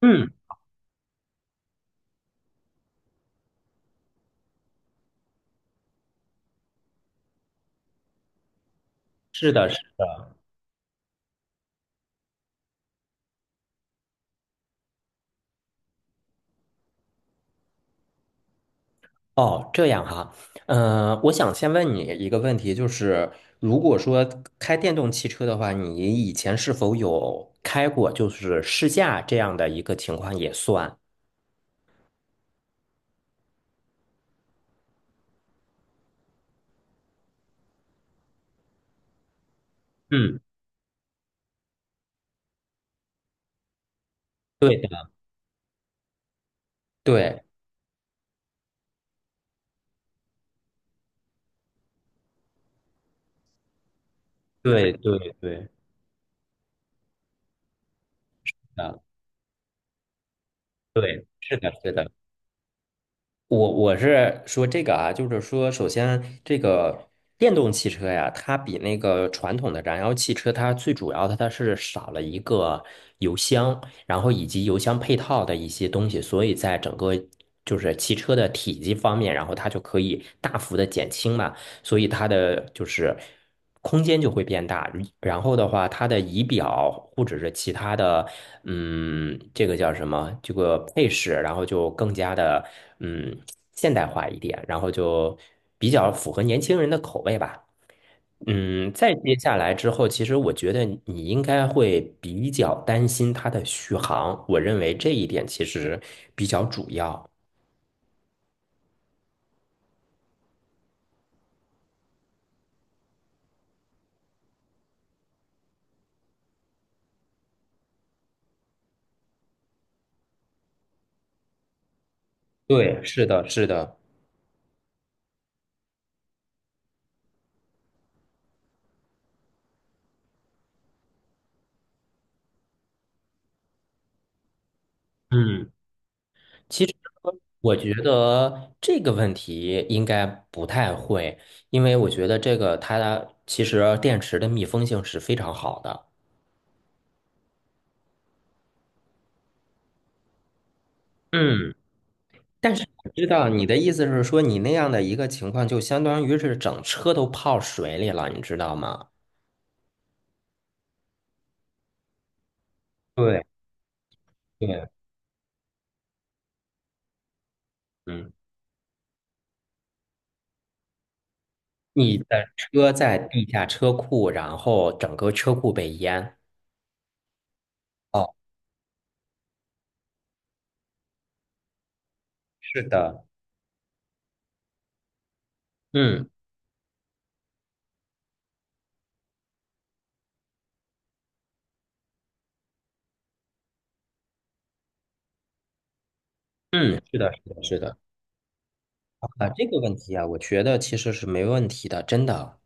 嗯，是的，是。哦，这样哈。我想先问你一个问题，就是如果说开电动汽车的话，你以前是否有开过就是试驾这样的一个情况也算？嗯，对对对对对，啊，对，是的，是的。我是说这个啊，就是说，首先这个电动汽车呀，它比那个传统的燃油汽车，它最主要的它是少了一个油箱，然后以及油箱配套的一些东西，所以在整个就是汽车的体积方面，然后它就可以大幅的减轻嘛。所以它的就是空间就会变大。然后的话，它的仪表或者是其他的，这个叫什么？这个配饰，然后就更加的嗯现代化一点，然后就比较符合年轻人的口味吧。再接下来之后，其实我觉得你应该会比较担心它的续航，我认为这一点其实比较主要。对，是的，是的，嗯。其实我觉得这个问题应该不太会，因为我觉得这个它其实电池的密封性是非常好的。嗯，但是我知道你的意思是说，你那样的一个情况，就相当于是整车都泡水里了，你知道吗？对对，嗯，你的车在地下车库，然后整个车库被淹。哦，是的，嗯嗯，是的，是的，是的。啊，这个问题啊，我觉得其实是没问题的，真的。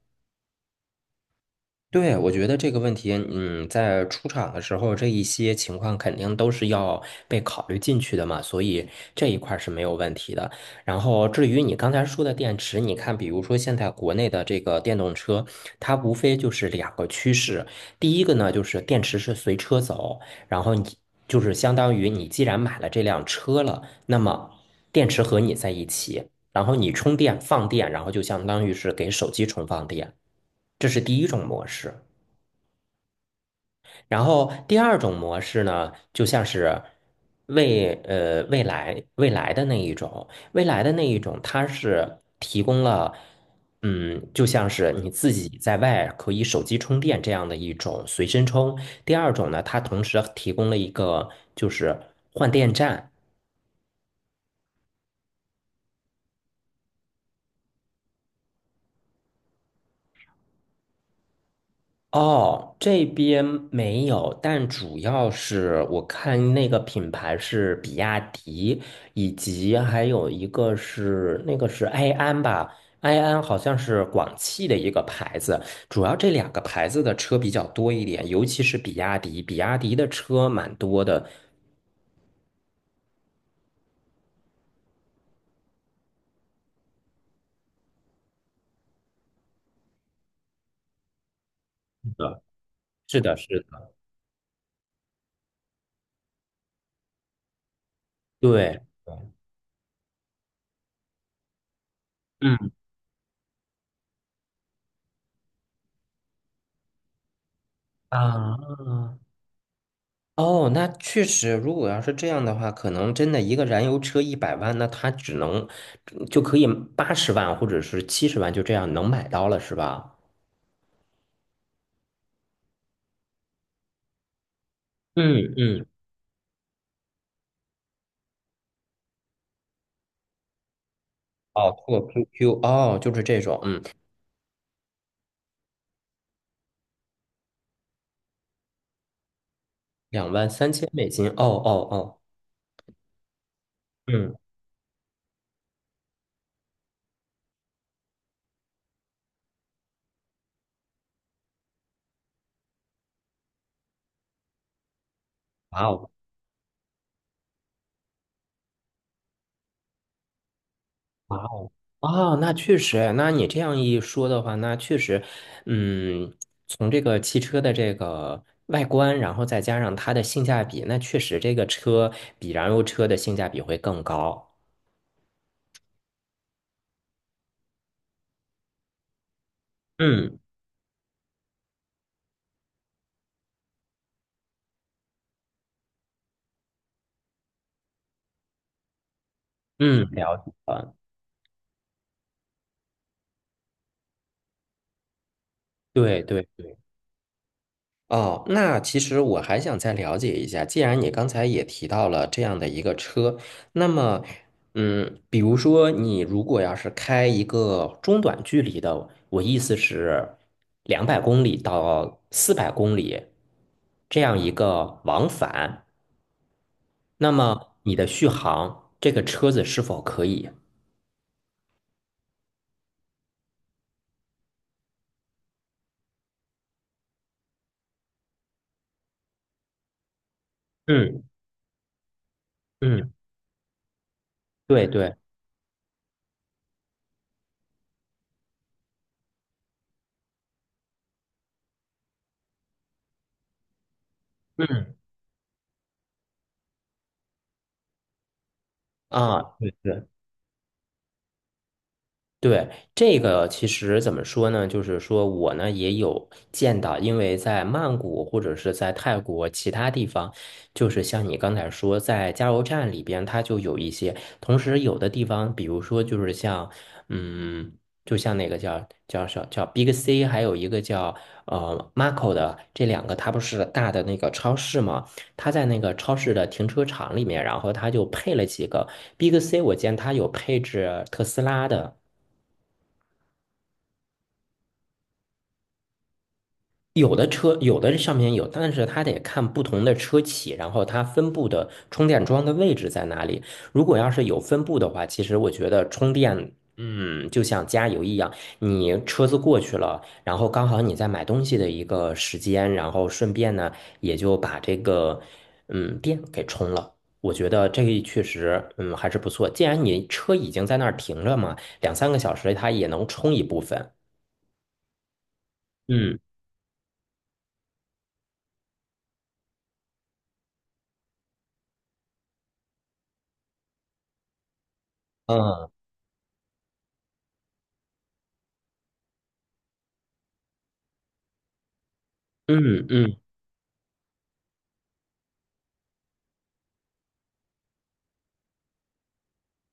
对，我觉得这个问题，在出厂的时候，这一些情况肯定都是要被考虑进去的嘛，所以这一块儿是没有问题的。然后，至于你刚才说的电池，你看，比如说现在国内的这个电动车，它无非就是两个趋势，第一个呢，就是电池是随车走，然后你就是相当于你既然买了这辆车了，那么电池和你在一起，然后你充电放电，然后就相当于是给手机充放电，这是第一种模式。然后第二种模式呢，就像是未来的那一种它是提供了就像是你自己在外可以手机充电这样的一种随身充。第二种呢，它同时提供了一个就是换电站。哦，这边没有，但主要是我看那个品牌是比亚迪，以及还有一个是那个是埃安吧，埃安好像是广汽的一个牌子，主要这两个牌子的车比较多一点，尤其是比亚迪，比亚迪的车蛮多的。是的，是的，是的，对，嗯啊，哦，那确实，如果要是这样的话，可能真的一个燃油车100万，那它就可以80万或者是70万，就这样能买到了，是吧？嗯嗯，哦，做 QQ,哦，就是这种，嗯，2.3万美金，哦哦哦，嗯，哇哦哇哦，哦，那确实，那你这样一说的话，那确实，嗯，从这个汽车的这个外观，然后再加上它的性价比，那确实这个车比燃油车的性价比会更高。嗯嗯，了解了，对对对。哦，那其实我还想再了解一下，既然你刚才也提到了这样的一个车，那么，比如说你如果要是开一个中短距离的，我意思是200公里到400公里这样一个往返，那么你的续航，这个车子是否可以？嗯嗯，对对，嗯啊，对对。对，这个其实怎么说呢？就是说我呢也有见到，因为在曼谷或者是在泰国其他地方，就是像你刚才说，在加油站里边，它就有一些。同时，有的地方，比如说就是像，嗯，就像那个叫 Big C,还有一个叫Marco 的，这两个它不是大的那个超市嘛？它在那个超市的停车场里面，然后它就配了几个 Big C,我见它有配置特斯拉的。有的车有的上面有，但是它得看不同的车企，然后它分布的充电桩的位置在哪里。如果要是有分布的话，其实我觉得充电，就像加油一样，你车子过去了，然后刚好你在买东西的一个时间，然后顺便呢也就把这个电给充了。我觉得这个确实，还是不错。既然你车已经在那儿停着嘛，两三个小时它也能充一部分。嗯嗯嗯嗯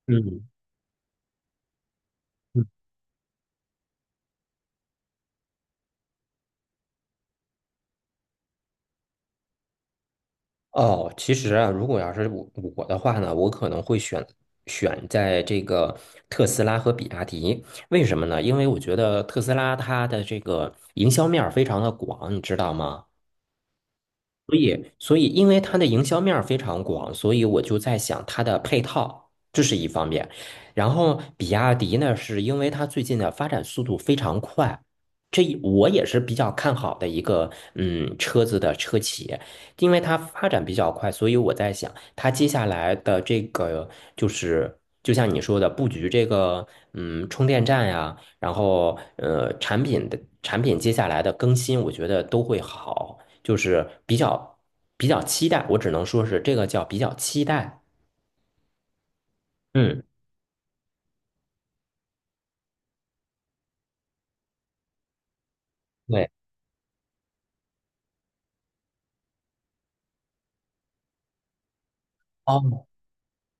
嗯。嗯哦，其实啊，如果要是我的话呢，我可能会选在这个特斯拉和比亚迪。为什么呢？因为我觉得特斯拉它的这个营销面儿非常的广，你知道吗？所以因为它的营销面儿非常广，所以我就在想它的配套，这是一方面。然后，比亚迪呢，是因为它最近的发展速度非常快，这一我也是比较看好的一个车子的车企，因为它发展比较快，所以我在想它接下来的这个就是就像你说的布局这个充电站呀，然后产品接下来的更新，我觉得都会好。就是比较期待，我只能说是这个叫比较期待。嗯，对，哦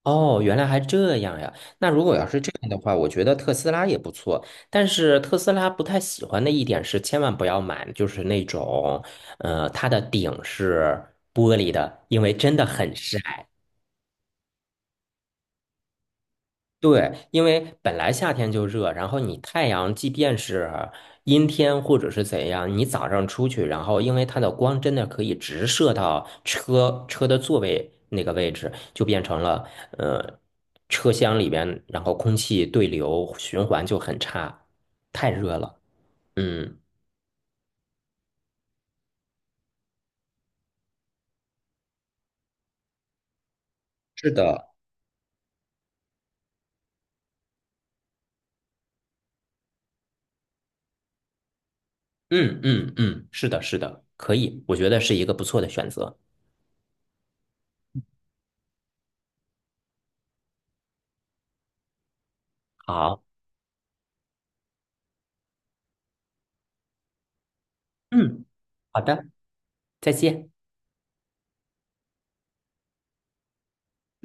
哦，原来还这样呀。那如果要是这样的话，我觉得特斯拉也不错。但是特斯拉不太喜欢的一点是，千万不要买，就是那种，它的顶是玻璃的，因为真的很晒。对，因为本来夏天就热，然后你太阳即便是阴天或者是怎样，你早上出去，然后因为它的光真的可以直射到车的座位那个位置，就变成了呃车厢里边，然后空气对流循环就很差，太热了。嗯，是的，嗯嗯嗯，是的，是的，可以，我觉得是一个不错的选择。好，嗯，好的，再见。